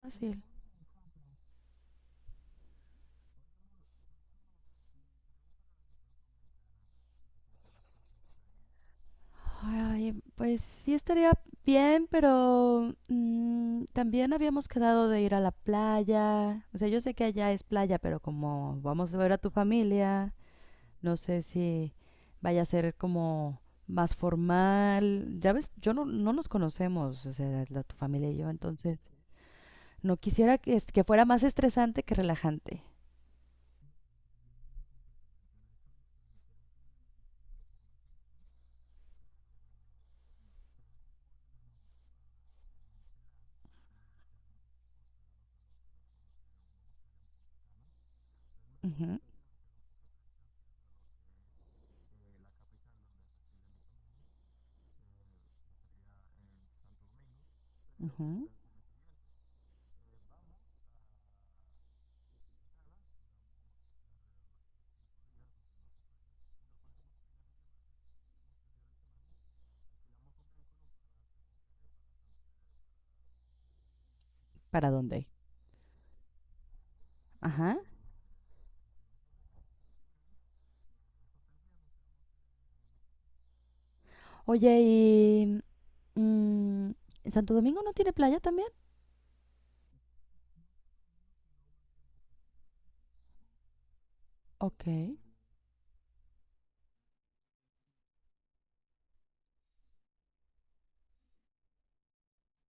Fácil. Ay, pues sí estaría bien, pero también habíamos quedado de ir a la playa. O sea, yo sé que allá es playa, pero como vamos a ver a tu familia, no sé si vaya a ser como más formal. Ya ves, yo no nos conocemos, o sea, tu familia y yo, entonces no quisiera que, que fuera más estresante que relajante. Ujú, ujú. ¿Para dónde? Ajá. Oye, y Mm, ¿Santo Domingo no tiene playa también? Ok.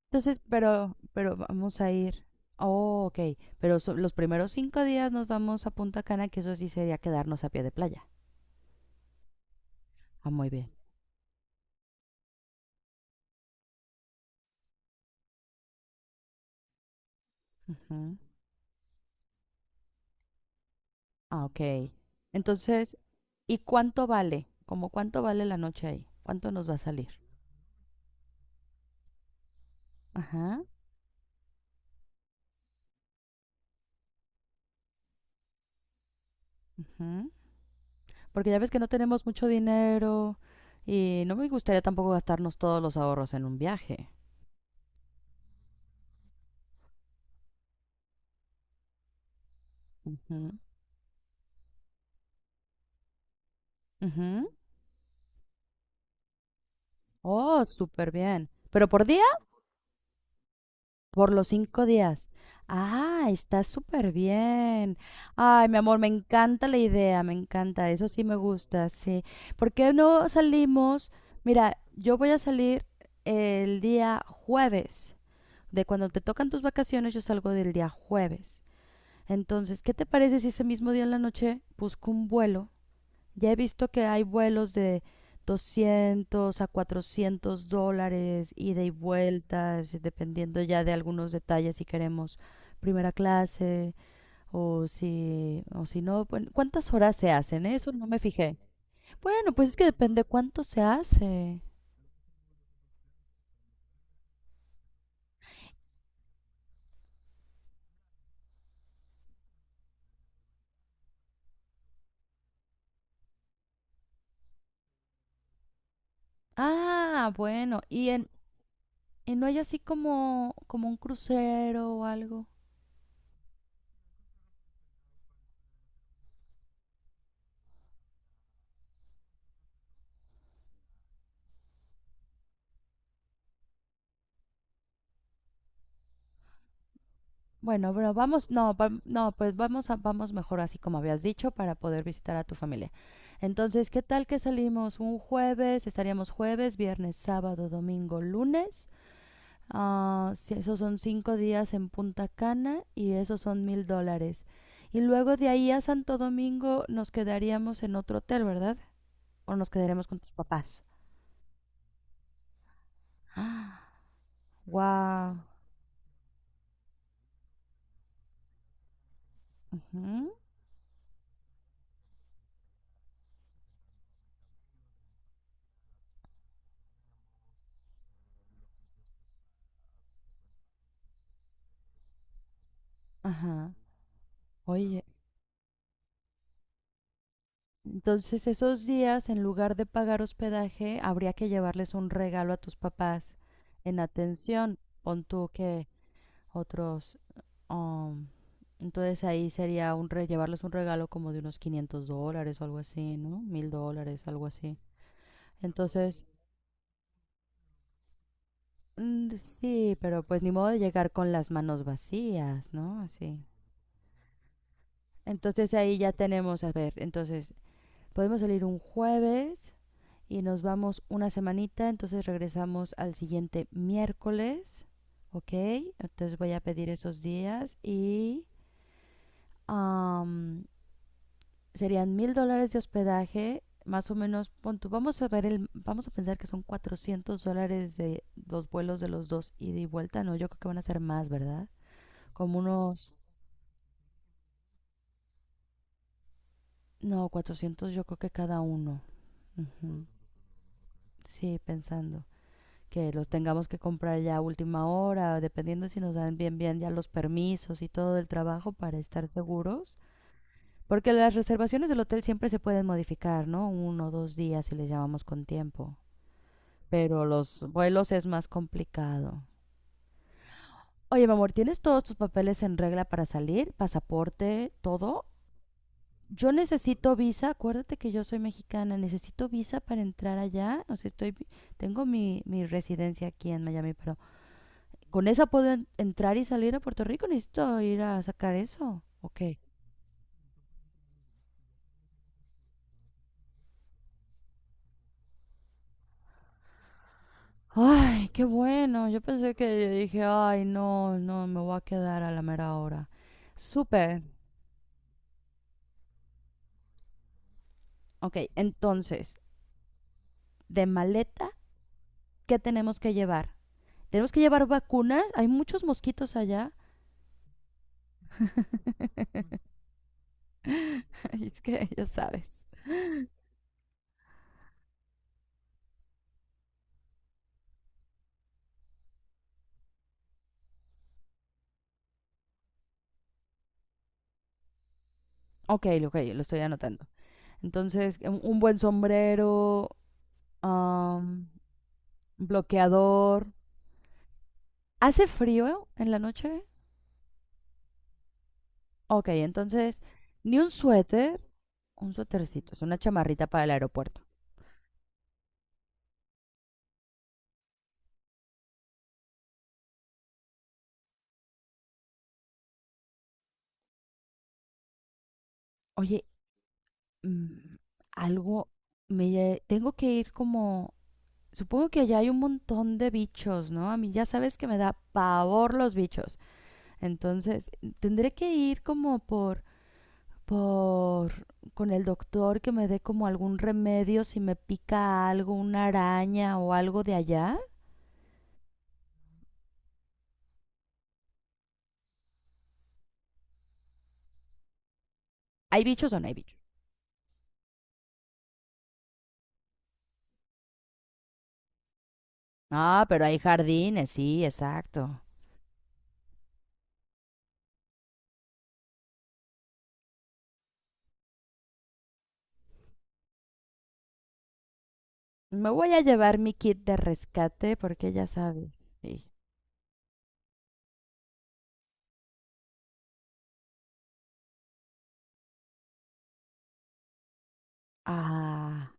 Entonces, pero vamos a ir. Oh, ok. Pero los primeros 5 días nos vamos a Punta Cana, que eso sí sería quedarnos a pie de playa. Ah, muy bien. Ujú. Ah, ok. Entonces, ¿y cuánto vale? ¿Cómo cuánto vale la noche ahí? ¿Cuánto nos va a salir? Ajá. Ujú. Porque ya ves que no tenemos mucho dinero y no me gustaría tampoco gastarnos todos los ahorros en un viaje. Ujú, ujú. Oh, súper bien. ¿Pero por día? Por los cinco días. Ah, está súper bien. Ay, mi amor, me encanta la idea, me encanta. Eso sí me gusta, sí. ¿Por qué no salimos? Mira, yo voy a salir el día jueves. De cuando te tocan tus vacaciones, yo salgo del día jueves. Entonces, ¿qué te parece si ese mismo día en la noche busco un vuelo? Ya he visto que hay vuelos de $200 a $400, ida y vuelta, decir, dependiendo ya de algunos detalles si queremos primera clase o si no. Bueno, ¿cuántas horas se hacen? Eso no me fijé. Bueno, pues es que depende cuánto se hace. Ah, bueno, y, y no hay así como un crucero o algo. Bueno, pero vamos, no, no, pues vamos mejor así como habías dicho para poder visitar a tu familia. Entonces, ¿qué tal que salimos un jueves? Estaríamos jueves, viernes, sábado, domingo, lunes. Ah, si esos son 5 días en Punta Cana y esos son $1,000. Y luego de ahí a Santo Domingo nos quedaríamos en otro hotel, ¿verdad? O nos quedaremos con tus papás. Ah, wow. Ajá. Ajá. Entonces esos días, en lugar de pagar hospedaje, habría que llevarles un regalo a tus papás en atención. Pon tú que otros... um, entonces ahí sería un llevarles un regalo como de unos $500 o algo así, ¿no? $1,000, algo así. Entonces, mm, sí, pero pues ni modo de llegar con las manos vacías, ¿no? Así. Entonces ahí ya tenemos, a ver, entonces podemos salir un jueves y nos vamos una semanita, entonces regresamos al siguiente miércoles, ¿ok? Entonces voy a pedir esos días y am, serían $1,000 de hospedaje, más o menos. Pon, vamos a ver, vamos a pensar que son $400 de los vuelos de los dos ida y vuelta. No, yo creo que van a ser más, ¿verdad? Como unos, no, 400 yo creo que cada uno. Ujú. Sí, pensando que los tengamos que comprar ya a última hora, dependiendo si nos dan bien bien ya los permisos y todo el trabajo para estar seguros. Porque las reservaciones del hotel siempre se pueden modificar, ¿no? Uno o dos días si les llamamos con tiempo. Pero los vuelos es más complicado. Oye, mi amor, ¿tienes todos tus papeles en regla para salir? ¿Pasaporte? ¿Todo? Yo necesito visa, acuérdate que yo soy mexicana, necesito visa para entrar allá, o sea, estoy, tengo mi residencia aquí en Miami, pero ¿con esa puedo entrar y salir a Puerto Rico? Necesito ir a sacar eso. Ok. Ay, qué bueno. Yo pensé, que dije, ay, no, no, me voy a quedar a la mera hora. Súper. Ok, entonces, de maleta, ¿qué tenemos que llevar? Tenemos que llevar vacunas. Hay muchos mosquitos allá. Es que ya sabes. Ok, ok, lo estoy anotando. Entonces, un buen sombrero, am, bloqueador. ¿Hace frío en la noche? Ok, entonces, ni un suéter, un suétercito, es una chamarrita para el aeropuerto. Oye, mm, algo, me, tengo que ir como, supongo que allá hay un montón de bichos, ¿no? A mí ya sabes que me da pavor los bichos. Entonces, tendré que ir como por, con el doctor que me dé como algún remedio si me pica algo, una araña o algo de allá. ¿Hay bichos o no hay bichos? Ah, pero hay jardines, sí, exacto. Me voy a llevar mi kit de rescate porque ya sabes. Sí. Ah,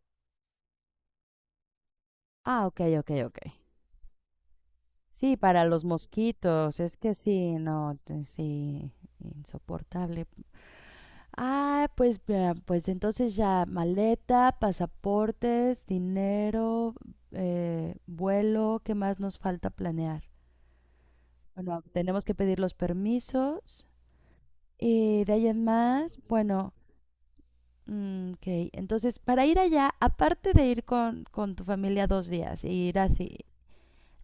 ah, ok, ok, ok. Sí, para los mosquitos, es que sí, no, sí, insoportable. Ah, pues, vea, pues entonces ya maleta, pasaportes, dinero, vuelo, ¿qué más nos falta planear? Bueno, tenemos que pedir los permisos y de ahí en más, bueno, ok, entonces para ir allá, aparte de ir con tu familia 2 días y ir así,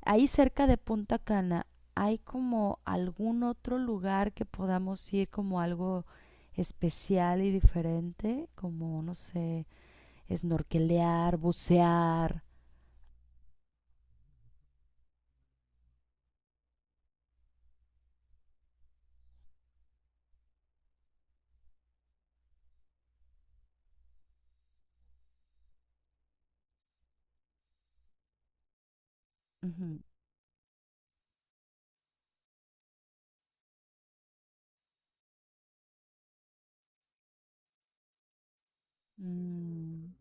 ahí cerca de Punta Cana, ¿hay como algún otro lugar que podamos ir como algo especial y diferente? Como, no sé, snorkelear, bucear. Ujú. Mm,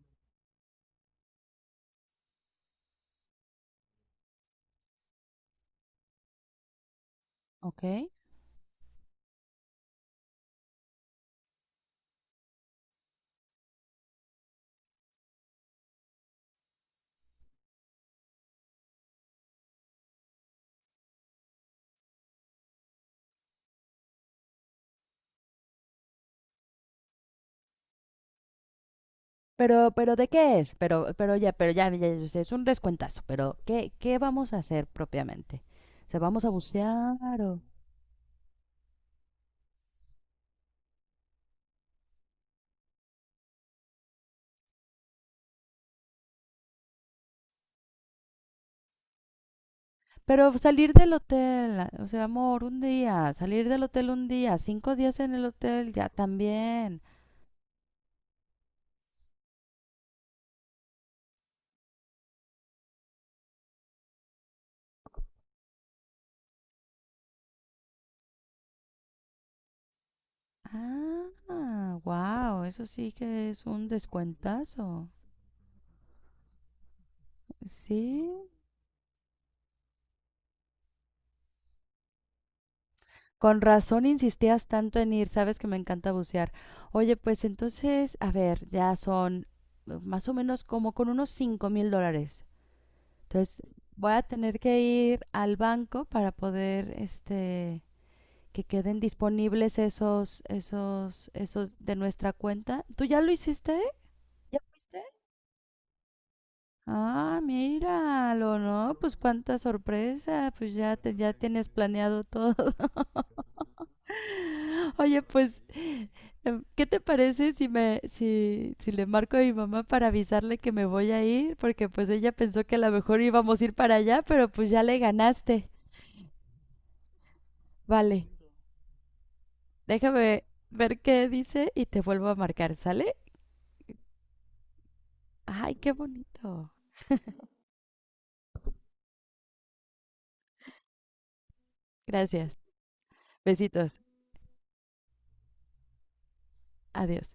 ok. Pero ¿de qué es? Ya sé, es un descuentazo. Pero, ¿qué vamos a hacer propiamente? ¿Se vamos a bucear o...? Pero salir del hotel, o sea, amor, un día, salir del hotel un día, 5 días en el hotel, ya también. Ah, wow, eso sí que es un descuentazo. Sí. Con razón insistías tanto en ir, sabes que me encanta bucear. Oye, pues entonces, a ver, ya son más o menos como con unos $5,000. Entonces, voy a tener que ir al banco para poder, este, que queden disponibles esos de nuestra cuenta. ¿Tú ya lo hiciste? ¿Ya fuiste? Ah, míralo, ¿no? Pues cuánta sorpresa, pues ya, ya tienes planeado todo. Oye, pues, ¿qué te parece si me, si, si le marco a mi mamá para avisarle que me voy a ir? Porque pues ella pensó que a lo mejor íbamos a ir para allá, pero pues ya le ganaste. Vale, déjame ver qué dice y te vuelvo a marcar, ¿sale? Ay, qué bonito. Gracias. Besitos. Adiós.